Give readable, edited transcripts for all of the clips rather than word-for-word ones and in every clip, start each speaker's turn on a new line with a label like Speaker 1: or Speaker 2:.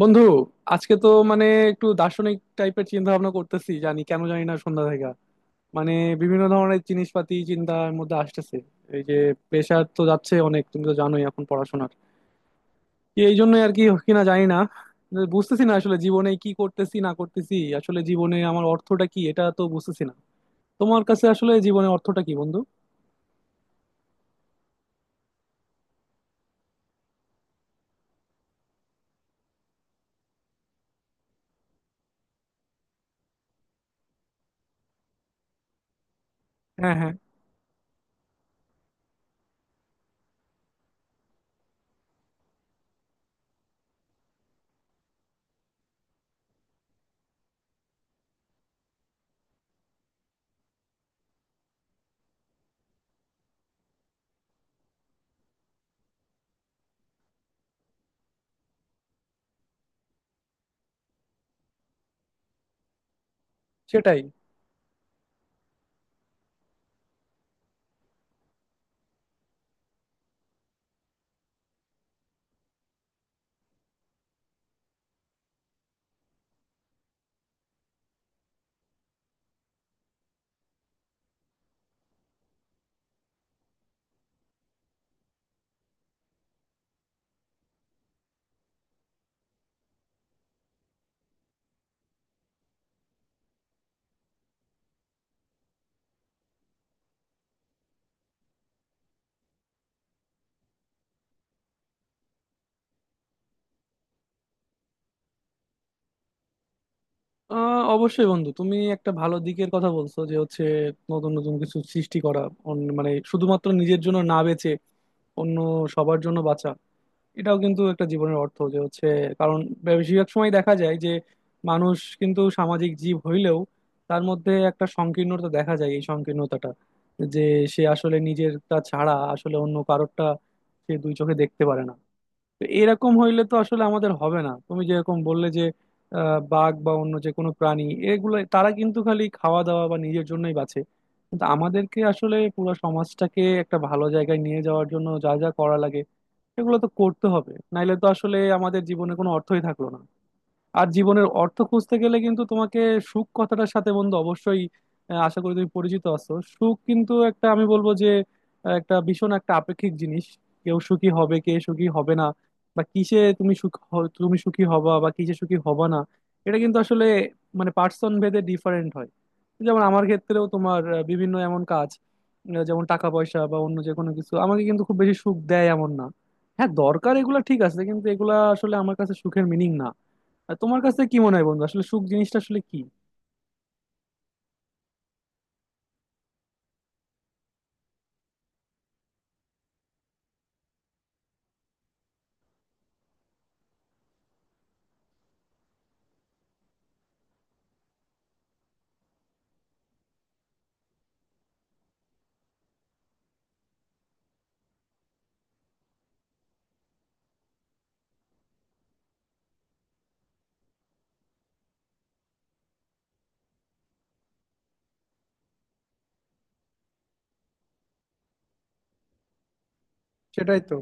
Speaker 1: বন্ধু, আজকে তো মানে একটু দার্শনিক টাইপের চিন্তা ভাবনা করতেছি। জানি কেন জানি না সন্ধ্যা থেকে মানে বিভিন্ন ধরনের জিনিসপাতি চিন্তার মধ্যে আসতেছে। এই যে প্রেশার তো যাচ্ছে অনেক, তুমি তো জানোই এখন পড়াশোনার। কি এই জন্যই আর কি কিনা জানি না, বুঝতেছি না আসলে জীবনে কি করতেছি না করতেছি। আসলে জীবনে আমার অর্থটা কি, এটা তো বুঝতেছি না। তোমার কাছে আসলে জীবনে অর্থটা কি বন্ধু? হ্যাঁ, হ্যাঁ। সেটাই। অবশ্যই বন্ধু, তুমি একটা ভালো দিকের কথা বলছো যে হচ্ছে নতুন নতুন কিছু সৃষ্টি করা। মানে শুধুমাত্র নিজের জন্য না বেঁচে অন্য সবার জন্য বাঁচা। এটাও কিন্তু একটা জীবনের অর্থ যে হচ্ছে। কারণ বেশিরভাগ সময় দেখা যায় যে মানুষ কিন্তু সামাজিক জীব হইলেও তার মধ্যে একটা সংকীর্ণতা দেখা যায়। এই সংকীর্ণতাটা যে সে আসলে নিজেরটা ছাড়া আসলে অন্য কারোরটা সে দুই চোখে দেখতে পারে না। তো এরকম হইলে তো আসলে আমাদের হবে না। তুমি যেরকম বললে যে বাঘ বা অন্য যে কোনো প্রাণী, এগুলো তারা কিন্তু খালি খাওয়া দাওয়া বা নিজের জন্যই বাঁচে। কিন্তু আমাদেরকে আসলে পুরো সমাজটাকে একটা ভালো জায়গায় নিয়ে যাওয়ার জন্য যা যা করা লাগে সেগুলো তো করতে হবে, নাইলে তো আসলে আমাদের জীবনে কোনো অর্থই থাকলো না। আর জীবনের অর্থ খুঁজতে গেলে কিন্তু তোমাকে সুখ কথাটার সাথে, বন্ধু, অবশ্যই আশা করি তুমি পরিচিত আছো। সুখ কিন্তু একটা, আমি বলবো যে একটা ভীষণ একটা আপেক্ষিক জিনিস। কেউ সুখী হবে, কে সুখী হবে না, বা কিসে তুমি তুমি সুখী হবা, বা কিসে সুখী হবা না, এটা কিন্তু আসলে মানে পার্সন ভেদে ডিফারেন্ট হয়। যেমন আমার ক্ষেত্রেও তোমার বিভিন্ন এমন কাজ, যেমন টাকা পয়সা বা অন্য যে কোনো কিছু আমাকে কিন্তু খুব বেশি সুখ দেয় এমন না। হ্যাঁ, দরকার এগুলা, ঠিক আছে, কিন্তু এগুলা আসলে আমার কাছে সুখের মিনিং না। আর তোমার কাছে কি মনে হয় বন্ধু, আসলে সুখ জিনিসটা আসলে কি? সেটাই তো।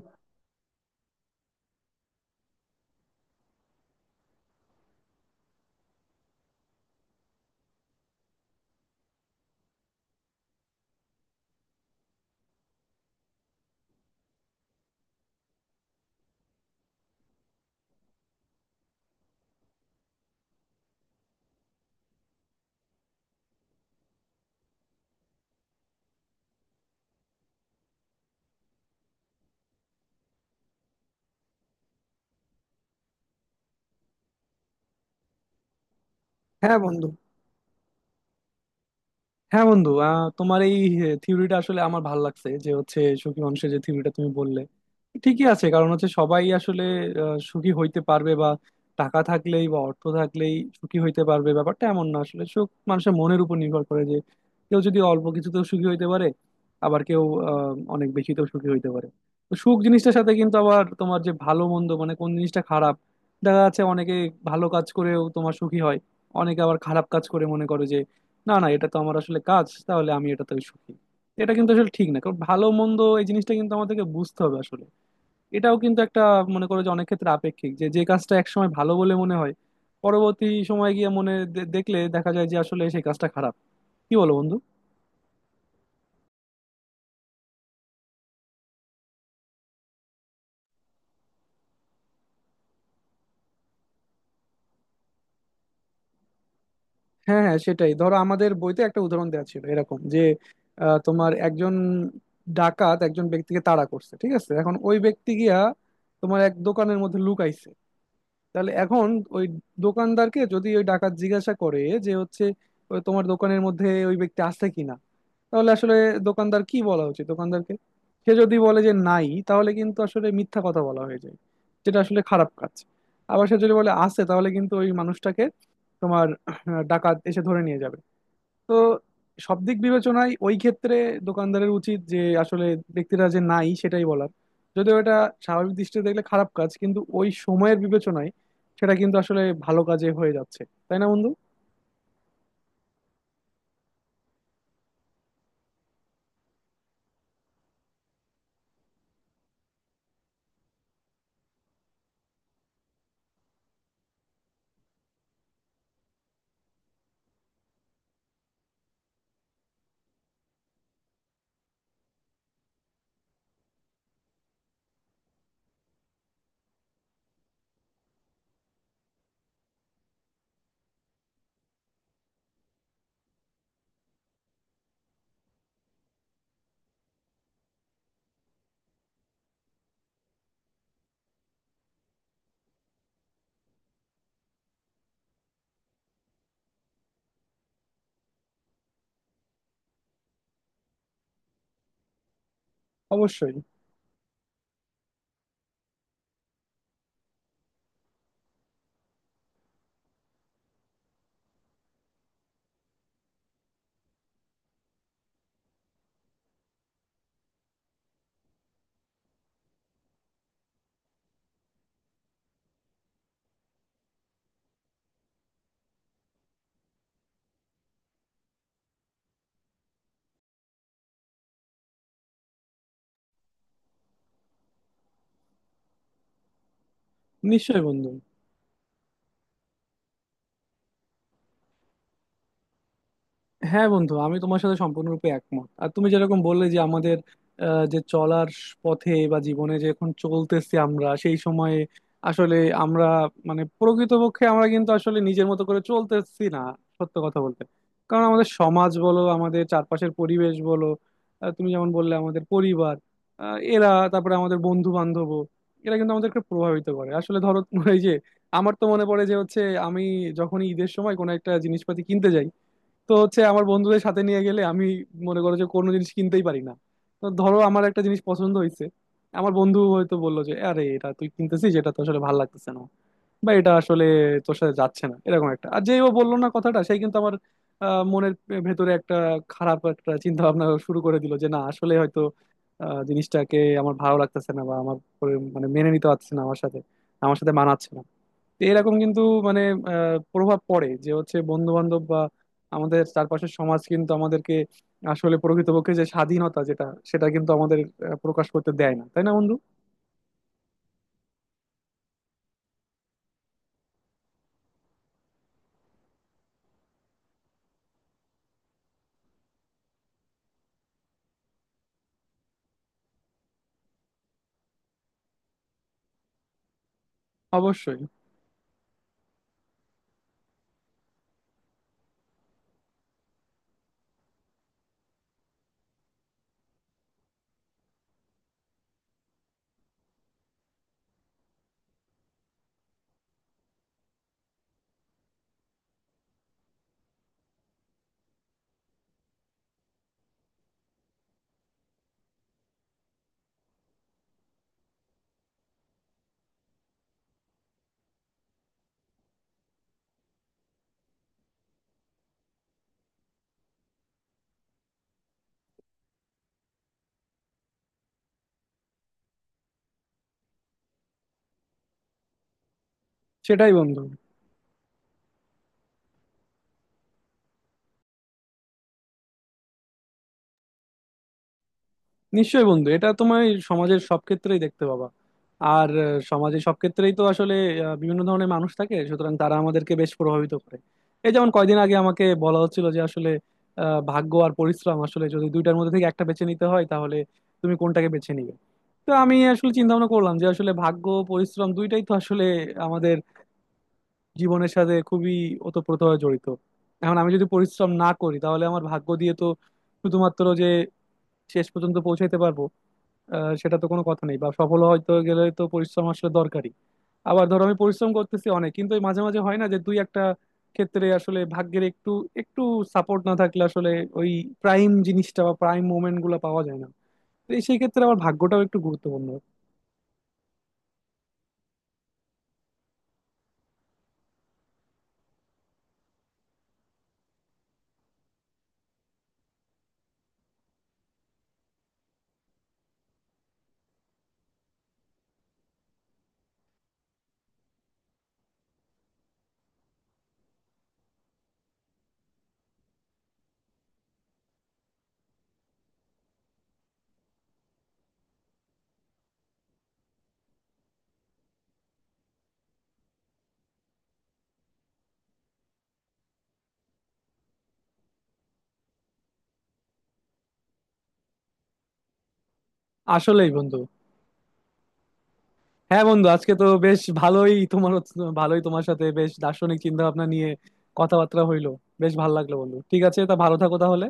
Speaker 1: হ্যাঁ বন্ধু। হ্যাঁ বন্ধু, তোমার এই থিওরিটা আসলে আমার ভাল লাগছে। যে হচ্ছে সুখী মানুষের যে থিওরিটা তুমি বললে, ঠিকই আছে। কারণ হচ্ছে সবাই আসলে সুখী হইতে পারবে বা টাকা থাকলেই বা অর্থ থাকলেই সুখী হইতে পারবে, ব্যাপারটা এমন না। আসলে সুখ মানুষের মনের উপর নির্ভর করে যে কেউ যদি অল্প কিছুতেও সুখী হইতে পারে, আবার কেউ অনেক বেশিতেও সুখী হইতে পারে। তো সুখ জিনিসটার সাথে কিন্তু আবার তোমার যে ভালো মন্দ, মানে কোন জিনিসটা খারাপ, দেখা যাচ্ছে অনেকে ভালো কাজ করেও তোমার সুখী হয়, অনেকে আবার খারাপ কাজ করে মনে করে যে না না, এটা তো আমার আসলে কাজ, তাহলে আমি এটাতে সুখী। এটা কিন্তু আসলে ঠিক না। কারণ ভালো মন্দ এই জিনিসটা কিন্তু আমাদেরকে বুঝতে হবে আসলে। এটাও কিন্তু একটা, মনে করো যে, অনেক ক্ষেত্রে আপেক্ষিক, যে যে কাজটা একসময় ভালো বলে মনে হয় পরবর্তী সময় গিয়ে দেখলে দেখা যায় যে আসলে সেই কাজটা খারাপ। কি বলো বন্ধু? হ্যাঁ, হ্যাঁ, সেটাই। ধরো আমাদের বইতে একটা উদাহরণ দেওয়া ছিল এরকম যে তোমার একজন ডাকাত একজন ব্যক্তিকে তাড়া করছে, ঠিক আছে, এখন ওই ব্যক্তি গিয়া তোমার এক দোকানের মধ্যে লুকাইছে। তাহলে এখন ওই দোকানদারকে যদি ওই ডাকাত জিজ্ঞাসা করে যে হচ্ছে ও তোমার দোকানের মধ্যে ওই ব্যক্তি আছে কিনা, তাহলে আসলে দোকানদার কি বলা উচিত দোকানদারকে? সে যদি বলে যে নাই, তাহলে কিন্তু আসলে মিথ্যা কথা বলা হয়ে যায়, যেটা আসলে খারাপ কাজ। আবার সে যদি বলে আছে, তাহলে কিন্তু ওই মানুষটাকে তোমার ডাকাত এসে ধরে নিয়ে যাবে। তো সব দিক বিবেচনায় ওই ক্ষেত্রে দোকানদারের উচিত যে আসলে ব্যক্তিরা যে নাই সেটাই বলার। যদিও এটা স্বাভাবিক দৃষ্টিতে দেখলে খারাপ কাজ, কিন্তু ওই সময়ের বিবেচনায় সেটা কিন্তু আসলে ভালো কাজে হয়ে যাচ্ছে। তাই না বন্ধু? অবশ্যই। নিশ্চয়ই বন্ধু। হ্যাঁ বন্ধু, আমি তোমার সাথে সম্পূর্ণরূপে একমত। আর তুমি যেরকম বললে যে আমাদের যে চলার পথে বা জীবনে যে এখন চলতেছি আমরা সেই সময়ে আসলে আমরা মানে প্রকৃতপক্ষে আমরা কিন্তু আসলে নিজের মতো করে চলতেছি না, সত্য কথা বলতে। কারণ আমাদের সমাজ বলো, আমাদের চারপাশের পরিবেশ বলো, তুমি যেমন বললে আমাদের পরিবার, এরা, তারপরে আমাদের বন্ধু বান্ধব, এরা কিন্তু আমাদেরকে প্রভাবিত করে আসলে। ধরো এই যে আমার তো মনে পড়ে যে হচ্ছে আমি যখনই ঈদের সময় কোনো একটা জিনিসপাতি কিনতে যাই, তো হচ্ছে আমার বন্ধুদের সাথে নিয়ে গেলে আমি, মনে করো যে, কোনো জিনিস কিনতেই পারি না। তো ধরো আমার একটা জিনিস পছন্দ হয়েছে, আমার বন্ধু হয়তো বললো যে আরে এটা তুই কিনতেছিস, এটা তো আসলে ভালো লাগতেছে না, বা এটা আসলে তোর সাথে যাচ্ছে না, এরকম একটা। আর যেই ও বললো না কথাটা, সেই কিন্তু আমার মনের ভেতরে একটা খারাপ একটা চিন্তা ভাবনা শুরু করে দিল যে না, আসলে হয়তো জিনিসটাকে আমার ভালো লাগতেছে না, বা আমার পরে মানে মেনে নিতে পারছে না আমার সাথে মানাচ্ছে না। তো এরকম কিন্তু মানে প্রভাব পড়ে যে হচ্ছে বন্ধু বান্ধব বা আমাদের চারপাশের সমাজ কিন্তু আমাদেরকে আসলে প্রকৃতপক্ষে যে স্বাধীনতা যেটা, সেটা কিন্তু আমাদের প্রকাশ করতে দেয় না। তাই না বন্ধু? অবশ্যই। সেটাই বন্ধু। নিশ্চয়ই বন্ধু, এটা তোমার সমাজের সব ক্ষেত্রেই দেখতে পাবা। আর সমাজে সব ক্ষেত্রেই তো আসলে বিভিন্ন ধরনের মানুষ থাকে, সুতরাং তারা আমাদেরকে বেশ প্রভাবিত করে। এই যেমন কয়দিন আগে আমাকে বলা হচ্ছিল যে আসলে ভাগ্য আর পরিশ্রম, আসলে যদি দুইটার মধ্যে থেকে একটা বেছে নিতে হয় তাহলে তুমি কোনটাকে বেছে নিবে। তো আমি আসলে চিন্তা ভাবনা করলাম যে আসলে ভাগ্য পরিশ্রম দুইটাই তো আসলে আমাদের জীবনের সাথে খুবই ওতপ্রোতভাবে জড়িত। এখন আমি যদি পরিশ্রম না করি তাহলে আমার ভাগ্য দিয়ে তো শুধুমাত্র যে শেষ পর্যন্ত পৌঁছাইতে পারবো সেটা তো কোনো কথা নেই। বা সফল হয়তো গেলে তো পরিশ্রম আসলে দরকারি। আবার ধরো আমি পরিশ্রম করতেছি অনেক, কিন্তু এই মাঝে মাঝে হয় না যে দুই একটা ক্ষেত্রে আসলে ভাগ্যের একটু একটু সাপোর্ট না থাকলে আসলে ওই প্রাইম জিনিসটা বা প্রাইম মোমেন্ট গুলো পাওয়া যায় না। তো এই সেই ক্ষেত্রে আবার ভাগ্যটাও একটু গুরুত্বপূর্ণ। আসলেই বন্ধু। হ্যাঁ বন্ধু, আজকে তো বেশ ভালোই তোমার ভালোই তোমার সাথে বেশ দার্শনিক চিন্তা ভাবনা নিয়ে কথাবার্তা হইলো। বেশ ভালো লাগলো বন্ধু, ঠিক আছে তা, ভালো থাকো তাহলে।